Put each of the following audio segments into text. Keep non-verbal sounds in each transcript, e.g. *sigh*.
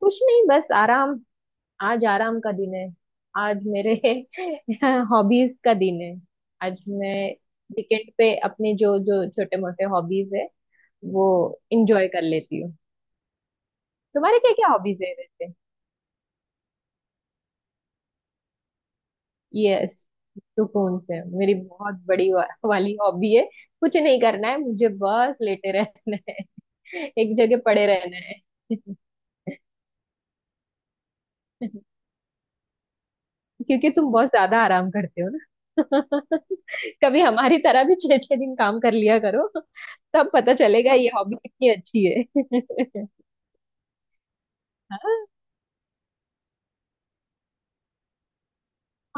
कुछ नहीं, बस आराम। आज आराम का दिन है। आज मेरे *laughs* हॉबीज का दिन है। आज मैं वीकेंड पे अपने जो जो छोटे मोटे हॉबीज है वो इंजॉय कर लेती हूँ। तुम्हारे क्या क्या हॉबीज है वैसे? यस, सुकून से मेरी बहुत बड़ी वाली हॉबी है। कुछ नहीं करना है मुझे, बस लेटे रहना है। एक जगह पड़े रहना है। *laughs* क्योंकि तुम बहुत ज्यादा आराम करते हो ना। *laughs* कभी हमारी तरह भी छह छह दिन काम कर लिया करो। तब पता चलेगा ये हॉबी कितनी अच्छी है। *laughs* हाँ,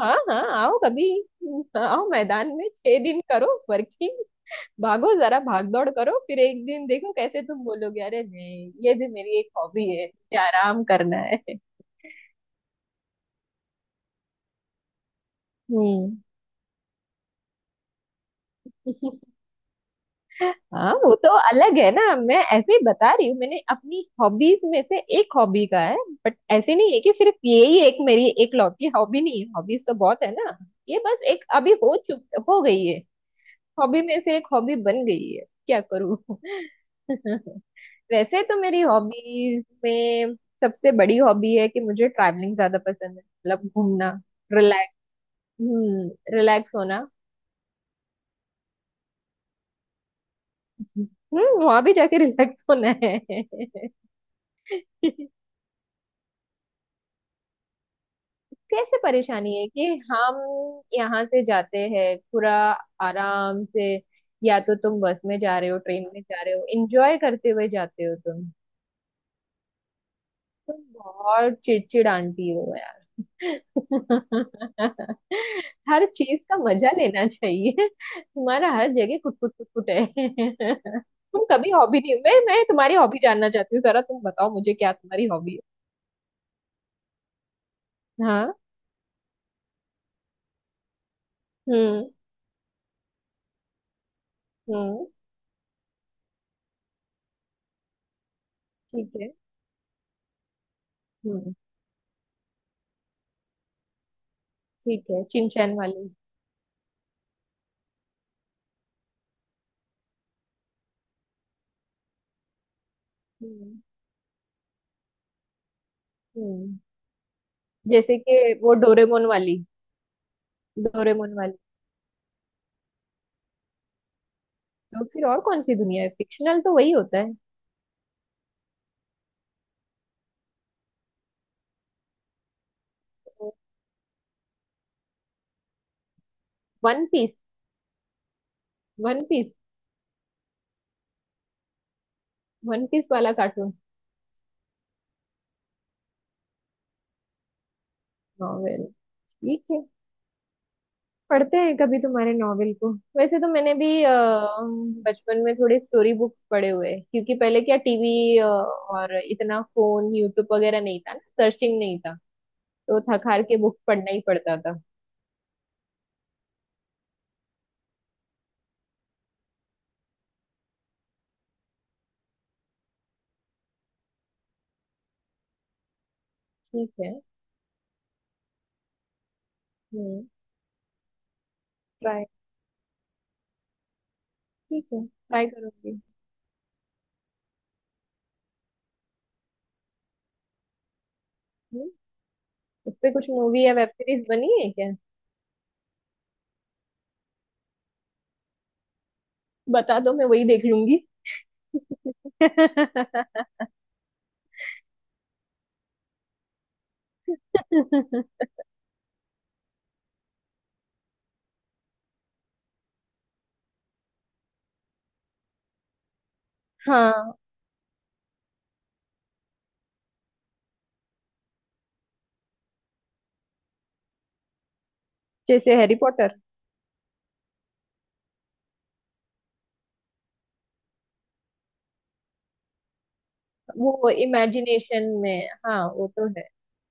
हाँ हाँ, आओ कभी। हाँ, आओ, मैदान में छह दिन करो वर्किंग। भागो, जरा भाग दौड़ करो, फिर एक दिन देखो कैसे तुम बोलोगे, अरे नहीं ये भी मेरी एक हॉबी है, मुझे आराम करना है। हम्म। हाँ वो तो अलग है ना, मैं ऐसे ही बता रही हूँ, मैंने अपनी हॉबीज में से एक हॉबी का है। ऐसे नहीं है कि सिर्फ यही एक मेरी एकलौती हॉबी नहीं है, हॉबीज तो बहुत है ना। ये बस एक अभी हो गई है। हॉबी में से एक हॉबी बन गई है, क्या करूं। *laughs* वैसे तो मेरी हॉबीज में सबसे बड़ी हॉबी है कि मुझे ट्रैवलिंग ज्यादा पसंद है, मतलब घूमना। रिलैक्स। हम्म। रिलैक्स होना। हम्म, वहां भी जाके रिलैक्स होना है। *laughs* कैसे परेशानी है कि हम यहाँ से जाते हैं, पूरा आराम से। या तो तुम बस में जा रहे हो, ट्रेन में जा रहे हो, एंजॉय करते हुए जाते हो तुम। तुम बहुत चिड़चिड़ आंटी हो यार। *laughs* हर चीज का मजा लेना चाहिए। तुम्हारा हर जगह कुट कुट कुट कुट है। *laughs* तुम कभी हॉबी नहीं, मैं तुम्हारी हॉबी जानना चाहती हूँ, जरा तुम बताओ मुझे क्या तुम्हारी हॉबी है। हाँ। हम्म। हम्म। ठीक है। हम्म। ठीक है, चिंचैन वाली। हम्म। हम्म। जैसे कि वो डोरेमोन वाली। डोरेमोन वाली। तो फिर और कौन सी दुनिया है, फिक्शनल तो वही होता है। One piece. One piece. One piece वाला कार्टून। नॉवेल। ठीक है। पढ़ते हैं कभी तुम्हारे नॉवेल को। वैसे तो मैंने भी बचपन में थोड़े स्टोरी बुक्स पढ़े हुए हैं, क्योंकि पहले क्या टीवी और इतना फोन यूट्यूब वगैरह नहीं था ना, सर्चिंग नहीं था। तो थक हार के बुक्स पढ़ना ही पड़ता था। ठीक है। हम्म। ट्राई। ठीक है, ट्राई करूंगी। हम्म। उस पे कुछ मूवी या वेब सीरीज बनी है क्या? बता दो, मैं वही देख लूंगी। *laughs* हाँ। जैसे हैरी पॉटर। वो इमेजिनेशन में, हाँ वो तो है।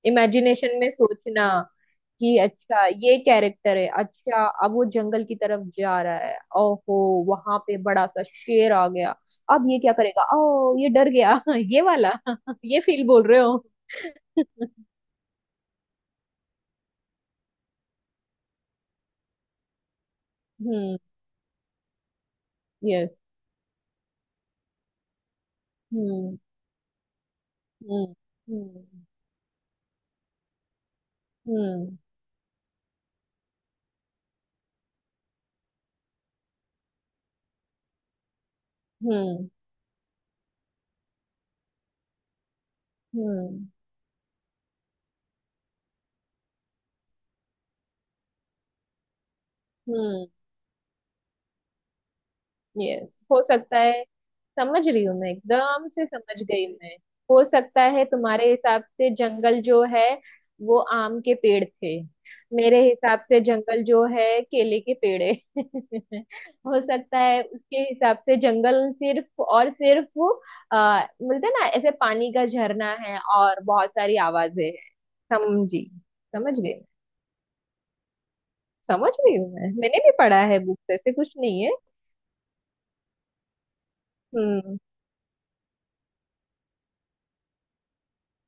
इमेजिनेशन में सोचना कि अच्छा ये कैरेक्टर है, अच्छा अब वो जंगल की तरफ जा रहा है, ओहो वहां पे बड़ा सा शेर आ गया, अब ये क्या करेगा, ओ ये डर गया। *laughs* ये वाला। *laughs* ये फील बोल रहे हो। हम्म। यस। हम्म। हम्म। हम्म। हम्म। हम्म। हम्म। यस, हो सकता है। समझ रही हूँ मैं, एकदम से समझ गई मैं। हो सकता है तुम्हारे हिसाब से जंगल जो है वो आम के पेड़ थे, मेरे हिसाब से जंगल जो है केले के पेड़ है। *laughs* हो सकता है उसके हिसाब से जंगल सिर्फ और सिर्फ बोलते हैं ना ऐसे, पानी का झरना है और बहुत सारी आवाजें हैं। समझी। समझ गई। समझ रही हूँ मैं, मैंने भी पढ़ा है बुक, ऐसे कुछ नहीं है। हम्म।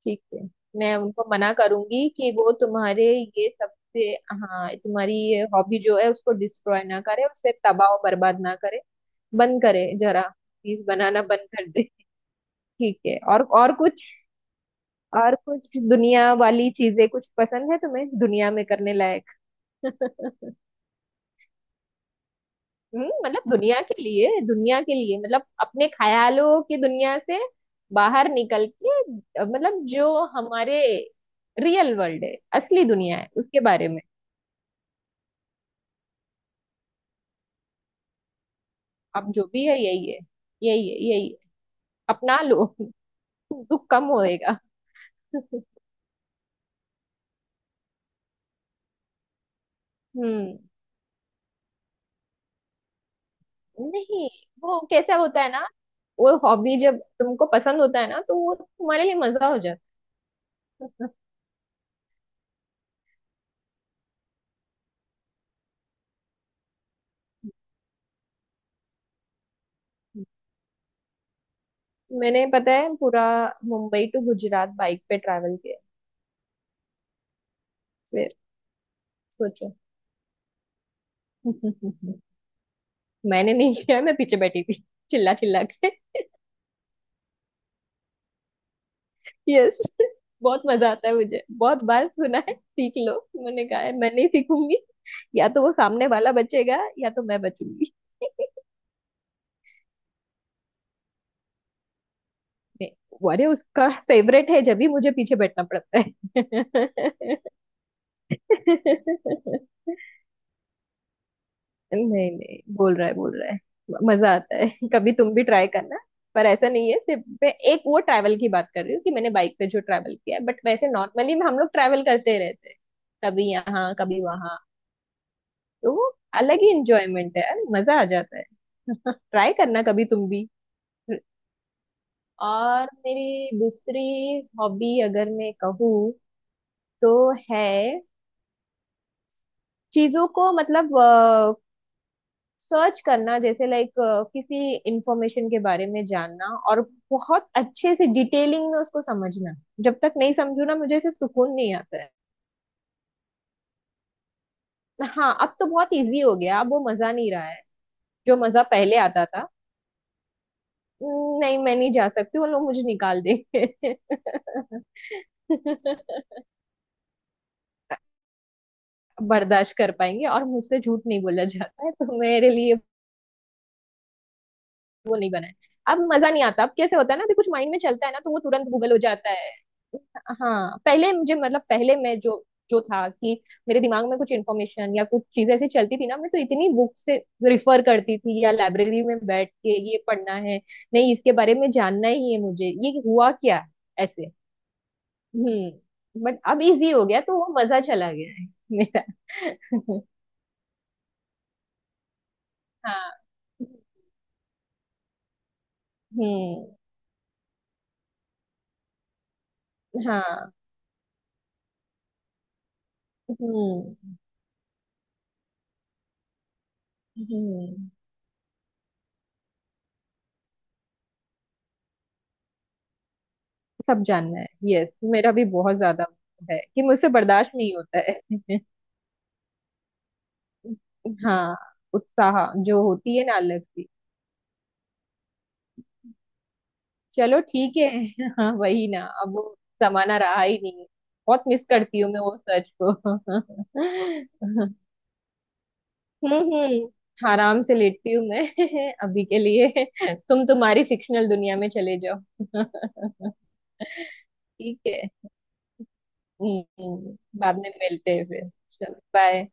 ठीक है। मैं उनको मना करूंगी कि वो तुम्हारे ये सबसे, हाँ तुम्हारी ये हॉबी जो है उसको डिस्ट्रॉय ना करे, उसे तबाह और बर्बाद ना करे। बंद करे जरा। प्लीज बनाना बंद कर दे। ठीक है, और कुछ? और कुछ दुनिया वाली चीजें, कुछ पसंद है तुम्हें दुनिया में करने लायक? *laughs* हम्म, मतलब दुनिया के लिए, दुनिया के लिए मतलब अपने ख्यालों की दुनिया से बाहर निकल के, मतलब जो हमारे रियल वर्ल्ड है, असली दुनिया है उसके बारे में। अब जो भी है यही है। यही है, यही है। अपना लो, दुख कम होएगा। हम्म। नहीं, वो कैसा होता है ना, वो हॉबी जब तुमको पसंद होता है ना तो वो तुम्हारे लिए मजा हो जाता है। *laughs* मैंने, पता है, पूरा मुंबई टू गुजरात बाइक पे ट्रैवल किया। फिर सोचो। *laughs* मैंने नहीं किया, मैं पीछे बैठी थी, चिल्ला चिल्ला के। यस, बहुत मजा आता है मुझे, बहुत बार सुना है, सीख लो। मैंने कहा है मैं नहीं सीखूंगी। या तो वो सामने वाला बचेगा या तो मैं बचूंगी। *laughs* नहीं, वो अरे उसका फेवरेट है जब भी मुझे पीछे बैठना पड़ता है। *laughs* नहीं नहीं, बोल रहा है बोल रहा है। मजा आता है। *laughs* कभी तुम भी ट्राई करना। पर ऐसा नहीं है, सिर्फ मैं एक वो ट्रैवल की बात कर रही हूँ कि मैंने बाइक पे जो ट्रैवल किया है, बट वैसे नॉर्मली हम लोग ट्रैवल करते रहते हैं, कभी यहाँ कभी वहां। तो वो अलग ही इंजॉयमेंट है यार, मजा आ जाता है। *laughs* ट्राई करना कभी तुम भी। और मेरी दूसरी हॉबी अगर मैं कहूँ तो है चीजों को, मतलब सर्च करना, जैसे लाइक किसी इंफॉर्मेशन के बारे में जानना, और बहुत अच्छे से डिटेलिंग में उसको समझना। जब तक नहीं समझू ना, मुझे ऐसे सुकून नहीं आता है। हाँ, अब तो बहुत इजी हो गया, अब वो मजा नहीं रहा है, जो मजा पहले आता था। नहीं, मैं नहीं जा सकती, वो लोग मुझे निकाल देंगे। *laughs* बर्दाश्त कर पाएंगे, और मुझसे झूठ नहीं बोला जाता है, तो मेरे लिए वो नहीं बना है। अब मजा नहीं आता। अब कैसे होता है ना कि कुछ माइंड में चलता है ना तो वो तुरंत गूगल हो जाता है। हाँ, पहले मुझे, मतलब पहले मैं जो जो था कि मेरे दिमाग में कुछ इन्फॉर्मेशन या कुछ चीजें ऐसी चलती थी ना, मैं तो इतनी बुक से रिफर करती थी, या लाइब्रेरी में बैठ के ये पढ़ना है, नहीं इसके बारे में जानना ही है मुझे, ये हुआ क्या है, ऐसे। हम्म, बट अब इजी हो गया तो वो मजा चला गया है मेरा। हाँ। हम्म। हाँ। हम्म। हम्म। सब जानना है। यस, मेरा भी बहुत ज्यादा है कि मुझसे बर्दाश्त नहीं होता है। *laughs* हाँ, उत्साह जो होती है ना, अलग सी। चलो ठीक है। हाँ वही ना, अब वो जमाना रहा ही नहीं है। बहुत मिस करती हूँ मैं वो सच को। *laughs* हम्म, आराम से लेटती हूँ मैं। *laughs* अभी के लिए तुम तुम्हारी फिक्शनल दुनिया में चले जाओ। *laughs* ठीक है। बाद में मिलते हैं फिर। चलो, बाय।